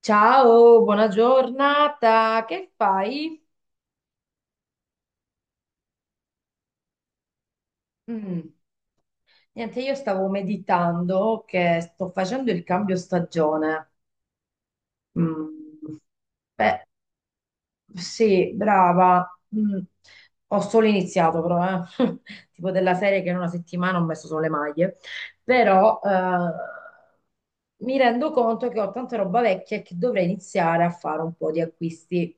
Ciao, buona giornata, che fai? Mm. Niente, io stavo meditando che sto facendo il cambio stagione. Mm. Beh. Sì, brava. Mm. Ho solo iniziato però, eh. Tipo della serie che in una settimana ho messo solo le maglie. Però mi rendo conto che ho tanta roba vecchia e che dovrei iniziare a fare un po' di acquisti,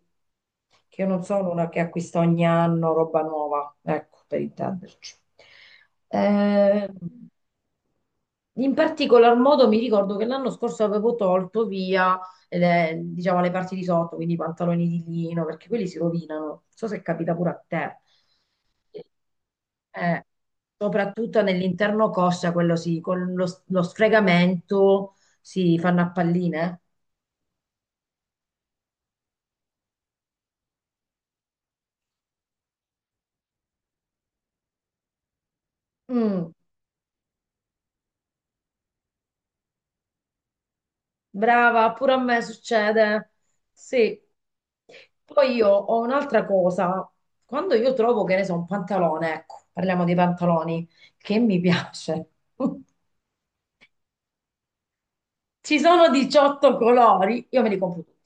che io non sono una che acquista ogni anno roba nuova, ecco, per intenderci. Eh, In particolar modo mi ricordo che l'anno scorso avevo tolto via, le, diciamo, le parti di sotto, quindi i pantaloni di lino, perché quelli si rovinano. Non so se capita pure a te. Eh, Soprattutto nell'interno coscia, quello sì, con lo sfregamento si fanno a palline. Mm. Brava, pure a me succede. Sì. Poi io ho un'altra cosa. Quando io trovo, che ne so, un pantalone, ecco, parliamo dei pantaloni, che mi piace. Ci sono 18 colori, io me li compro tutti.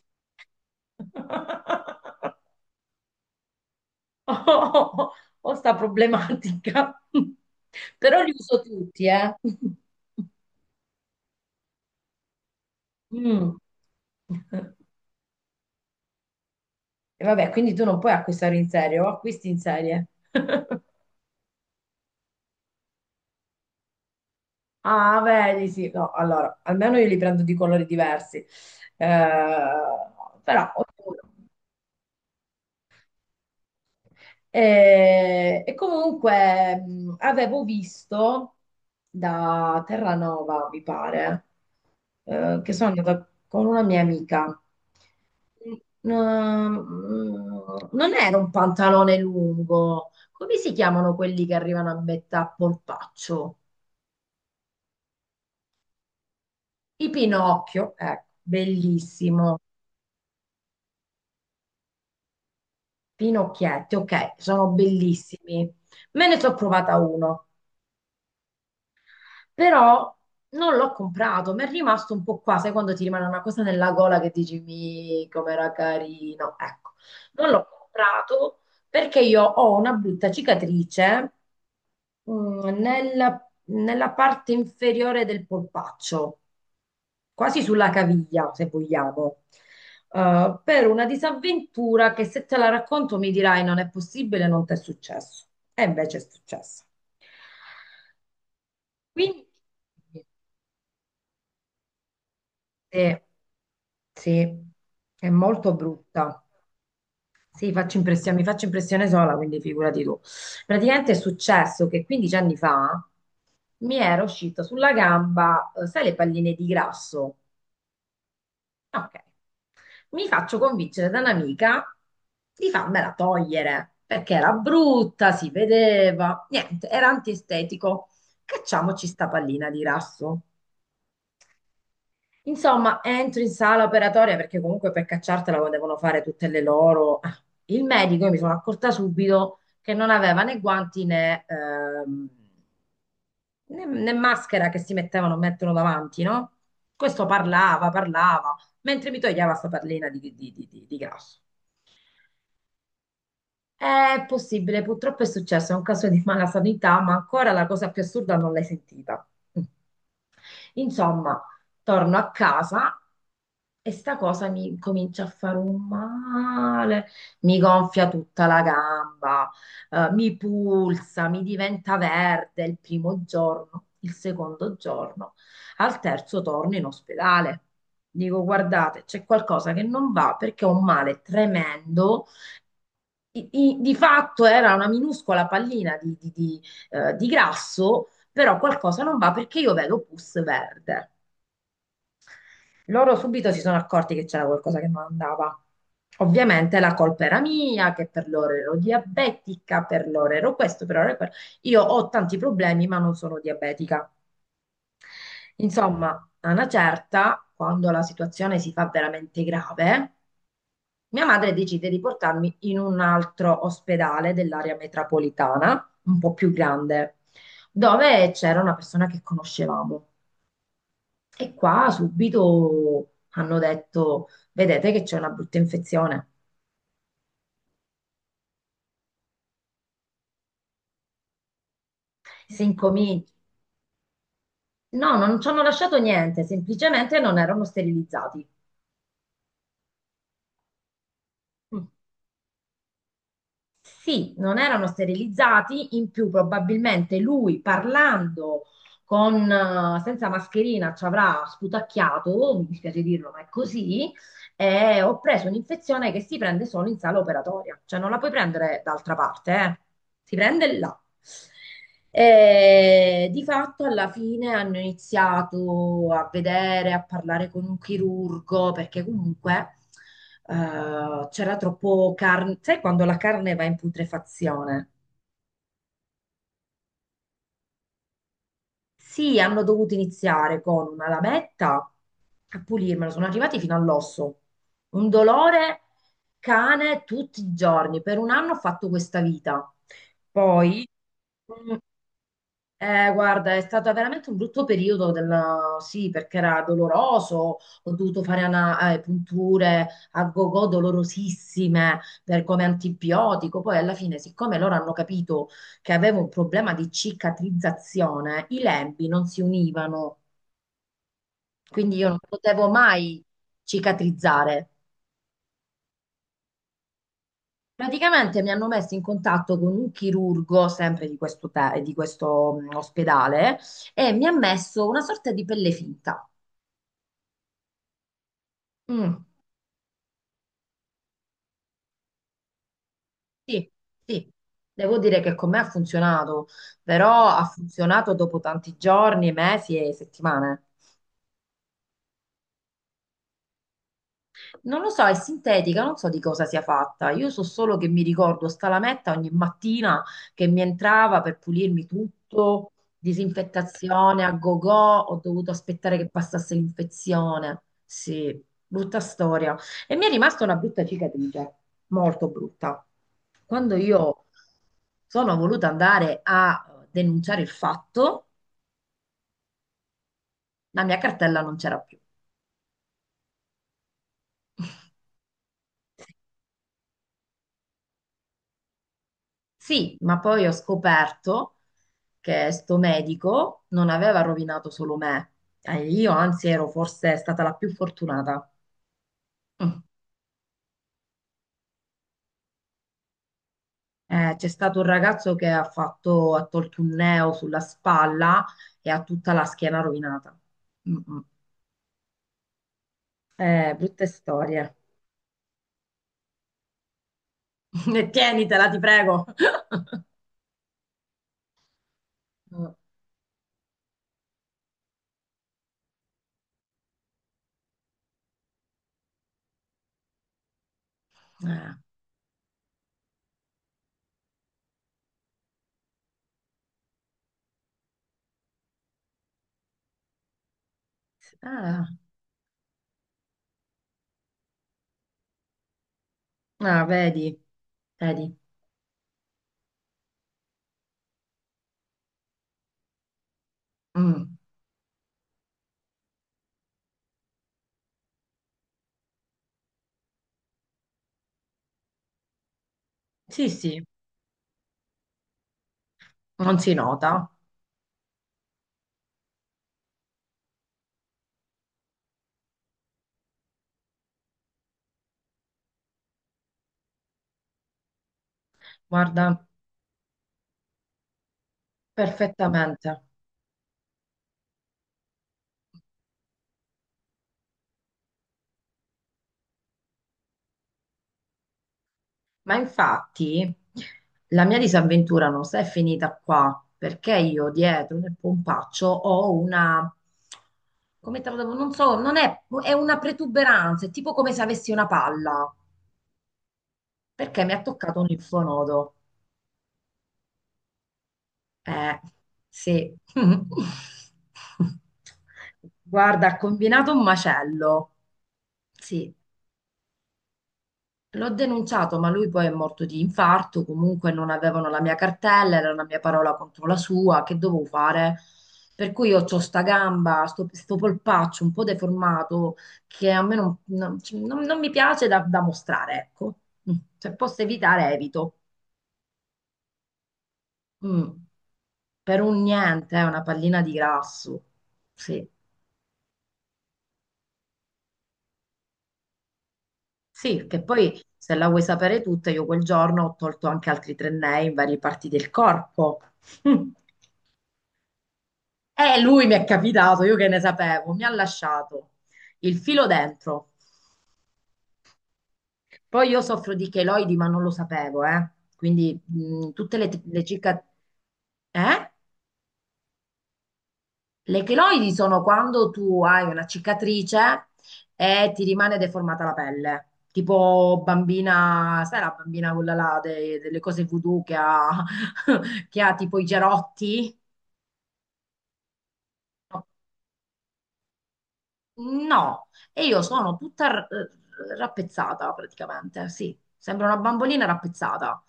Ho, ho sta problematica. Però li uso tutti, eh. Mm. E vabbè, quindi tu non puoi acquistare in serie, o acquisti in serie. Ah, vedi, sì, no, allora, almeno io li prendo di colori diversi, eh, però ognuno. E comunque avevo visto da Terranova, mi pare, che sono andata con una mia amica. Non era un pantalone lungo, come si chiamano quelli che arrivano a metà polpaccio? I Pinocchio, ecco, bellissimo. Pinocchietti, ok, sono bellissimi. Me ne sono provata uno, però non l'ho comprato, mi è rimasto un po' qua, sai quando ti rimane una cosa nella gola che dici, mi, com'era carino. Ecco, non l'ho comprato perché io ho una brutta cicatrice nella parte inferiore del polpaccio, quasi sulla caviglia, se vogliamo. Per una disavventura che se te la racconto mi dirai non è possibile, non ti è successo. E invece è successo. Quindi, eh, sì, è molto brutta. Sì, faccio impressione, mi faccio impressione sola, quindi figurati tu. Praticamente è successo che 15 anni fa mi era uscita sulla gamba, sai, le palline di grasso? Ok. Mi faccio convincere da un'amica di farmela togliere perché era brutta, si vedeva, niente, era antiestetico. Cacciamoci sta pallina di rasso. Insomma, entro in sala operatoria perché comunque per cacciartela lo devono fare tutte le loro. Ah. Il medico, io mi sono accorta subito che non aveva né guanti né maschera che si mettevano, mettono davanti, no? Questo parlava, parlava, mentre mi toglieva sta perlina di, di grasso. È possibile, purtroppo è successo, è un caso di mala sanità, ma ancora la cosa più assurda non l'hai sentita. Mm. Insomma, torno a casa e sta cosa mi comincia a fare un male, mi gonfia tutta la gamba, mi pulsa, mi diventa verde il primo giorno, il secondo giorno, al terzo torno in ospedale. Dico, guardate, c'è qualcosa che non va perché ho un male tremendo di fatto era una minuscola pallina di, di grasso, però qualcosa non va perché io vedo pus verde. Loro subito si sono accorti che c'era qualcosa che non andava. Ovviamente la colpa era mia, che per loro ero diabetica, per loro ero questo, per loro ero quello. Io ho tanti problemi, ma non sono diabetica. Insomma, a una certa, quando la situazione si fa veramente grave, mia madre decide di portarmi in un altro ospedale dell'area metropolitana, un po' più grande, dove c'era una persona che conoscevamo. E qua subito hanno detto: vedete che c'è una brutta infezione. Si incomincia. No, non ci hanno lasciato niente, semplicemente non erano sterilizzati. Mm. Sì, non erano sterilizzati, in più probabilmente lui parlando con, senza mascherina ci avrà sputacchiato, mi dispiace dirlo, ma è così, e ho preso un'infezione che si prende solo in sala operatoria, cioè non la puoi prendere d'altra parte, eh. Si prende là. E di fatto alla fine hanno iniziato a vedere, a parlare con un chirurgo, perché comunque c'era troppo carne, sai quando la carne va in putrefazione? Sì, hanno dovuto iniziare con una lametta a pulirmelo, sono arrivati fino all'osso. Un dolore cane tutti i giorni. Per un anno ho fatto questa vita. Poi, mm, guarda, è stato veramente un brutto periodo della... Sì, perché era doloroso, ho dovuto fare punture a gogo dolorosissime per come antibiotico. Poi alla fine, siccome loro hanno capito che avevo un problema di cicatrizzazione, i lembi non si univano, quindi io non potevo mai cicatrizzare. Praticamente mi hanno messo in contatto con un chirurgo, sempre di questo, di questo ospedale, e mi ha messo una sorta di pelle finta. Mm. Sì, sì, devo dire che con me ha funzionato, però ha funzionato dopo tanti giorni, mesi e settimane. Non lo so, è sintetica, non so di cosa sia fatta. Io so solo che mi ricordo sta lametta ogni mattina che mi entrava per pulirmi tutto, disinfettazione a go-go, ho dovuto aspettare che passasse l'infezione. Sì, brutta storia. E mi è rimasta una brutta cicatrice, molto brutta. Quando io sono voluta andare a denunciare il fatto, la mia cartella non c'era più. Sì, ma poi ho scoperto che sto medico non aveva rovinato solo me. Io anzi ero forse stata la più fortunata. Mm. C'è stato un ragazzo che ha fatto, ha tolto un neo sulla spalla e ha tutta la schiena rovinata. Mm, mm. Brutte storie. E tienitela, ti prego. Mm. Eh, ah, ah, vedi, vedi. Mm. Sì, sì, non si nota. Guarda, perfettamente. Ma infatti la mia disavventura non si è finita qua, perché io dietro nel pompaccio ho una, come te lo devo, non so, non è, è una protuberanza, è tipo come se avessi una palla, perché mi ha toccato un linfonodo. Eh, sì. Guarda, ha combinato un macello. Sì. L'ho denunciato, ma lui poi è morto di infarto, comunque non avevano la mia cartella, era una mia parola contro la sua, che dovevo fare? Per cui io ho sta gamba, sto polpaccio un po' deformato che a me cioè, non mi piace da mostrare, ecco. Mm. Se posso evitare, evito. Mm. Per un niente, è una pallina di grasso. Sì. Sì, che poi se la vuoi sapere tutta, io quel giorno ho tolto anche altri tre nei in varie parti del corpo. E lui mi è capitato, io che ne sapevo, mi ha lasciato il filo dentro. Poi io soffro di cheloidi, ma non lo sapevo, eh. Quindi tutte le cicatrici... Eh? Le cheloidi sono quando tu hai una cicatrice e ti rimane deformata la pelle. Tipo bambina, sai la bambina quella là delle cose voodoo che ha, che ha tipo i gerotti? No. No, e io sono tutta rappezzata praticamente, sì, sembra una bambolina rappezzata,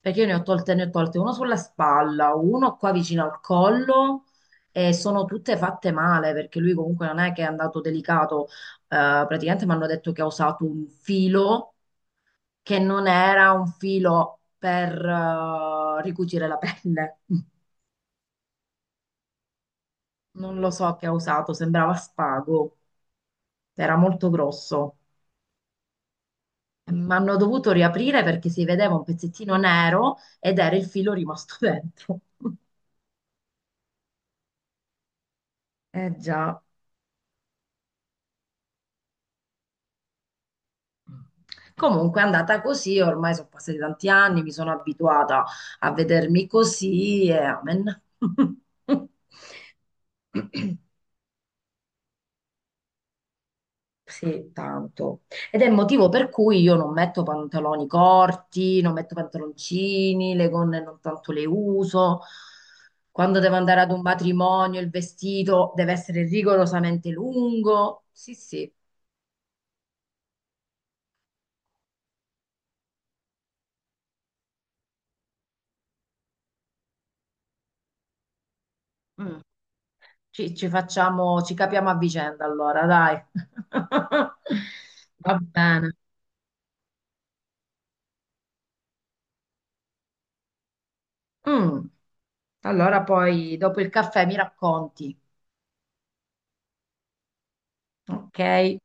perché io ne ho tolte uno sulla spalla, uno qua vicino al collo e sono tutte fatte male, perché lui comunque non è che è andato delicato. Praticamente mi hanno detto che ha usato un filo che non era un filo per ricucire la pelle, non lo so che ha usato, sembrava spago, era molto grosso. Mi hanno dovuto riaprire perché si vedeva un pezzettino nero ed era il filo rimasto dentro. Eh già. Comunque è andata così, ormai sono passati tanti anni, mi sono abituata a vedermi così e amen. Sì, tanto. Ed è il motivo per cui io non metto pantaloni corti, non metto pantaloncini, le gonne non tanto le uso. Quando devo andare ad un matrimonio, il vestito deve essere rigorosamente lungo. Sì, sì. Mm. Ci capiamo a vicenda allora, dai. Va bene. Mm. Allora poi dopo il caffè mi racconti, ok?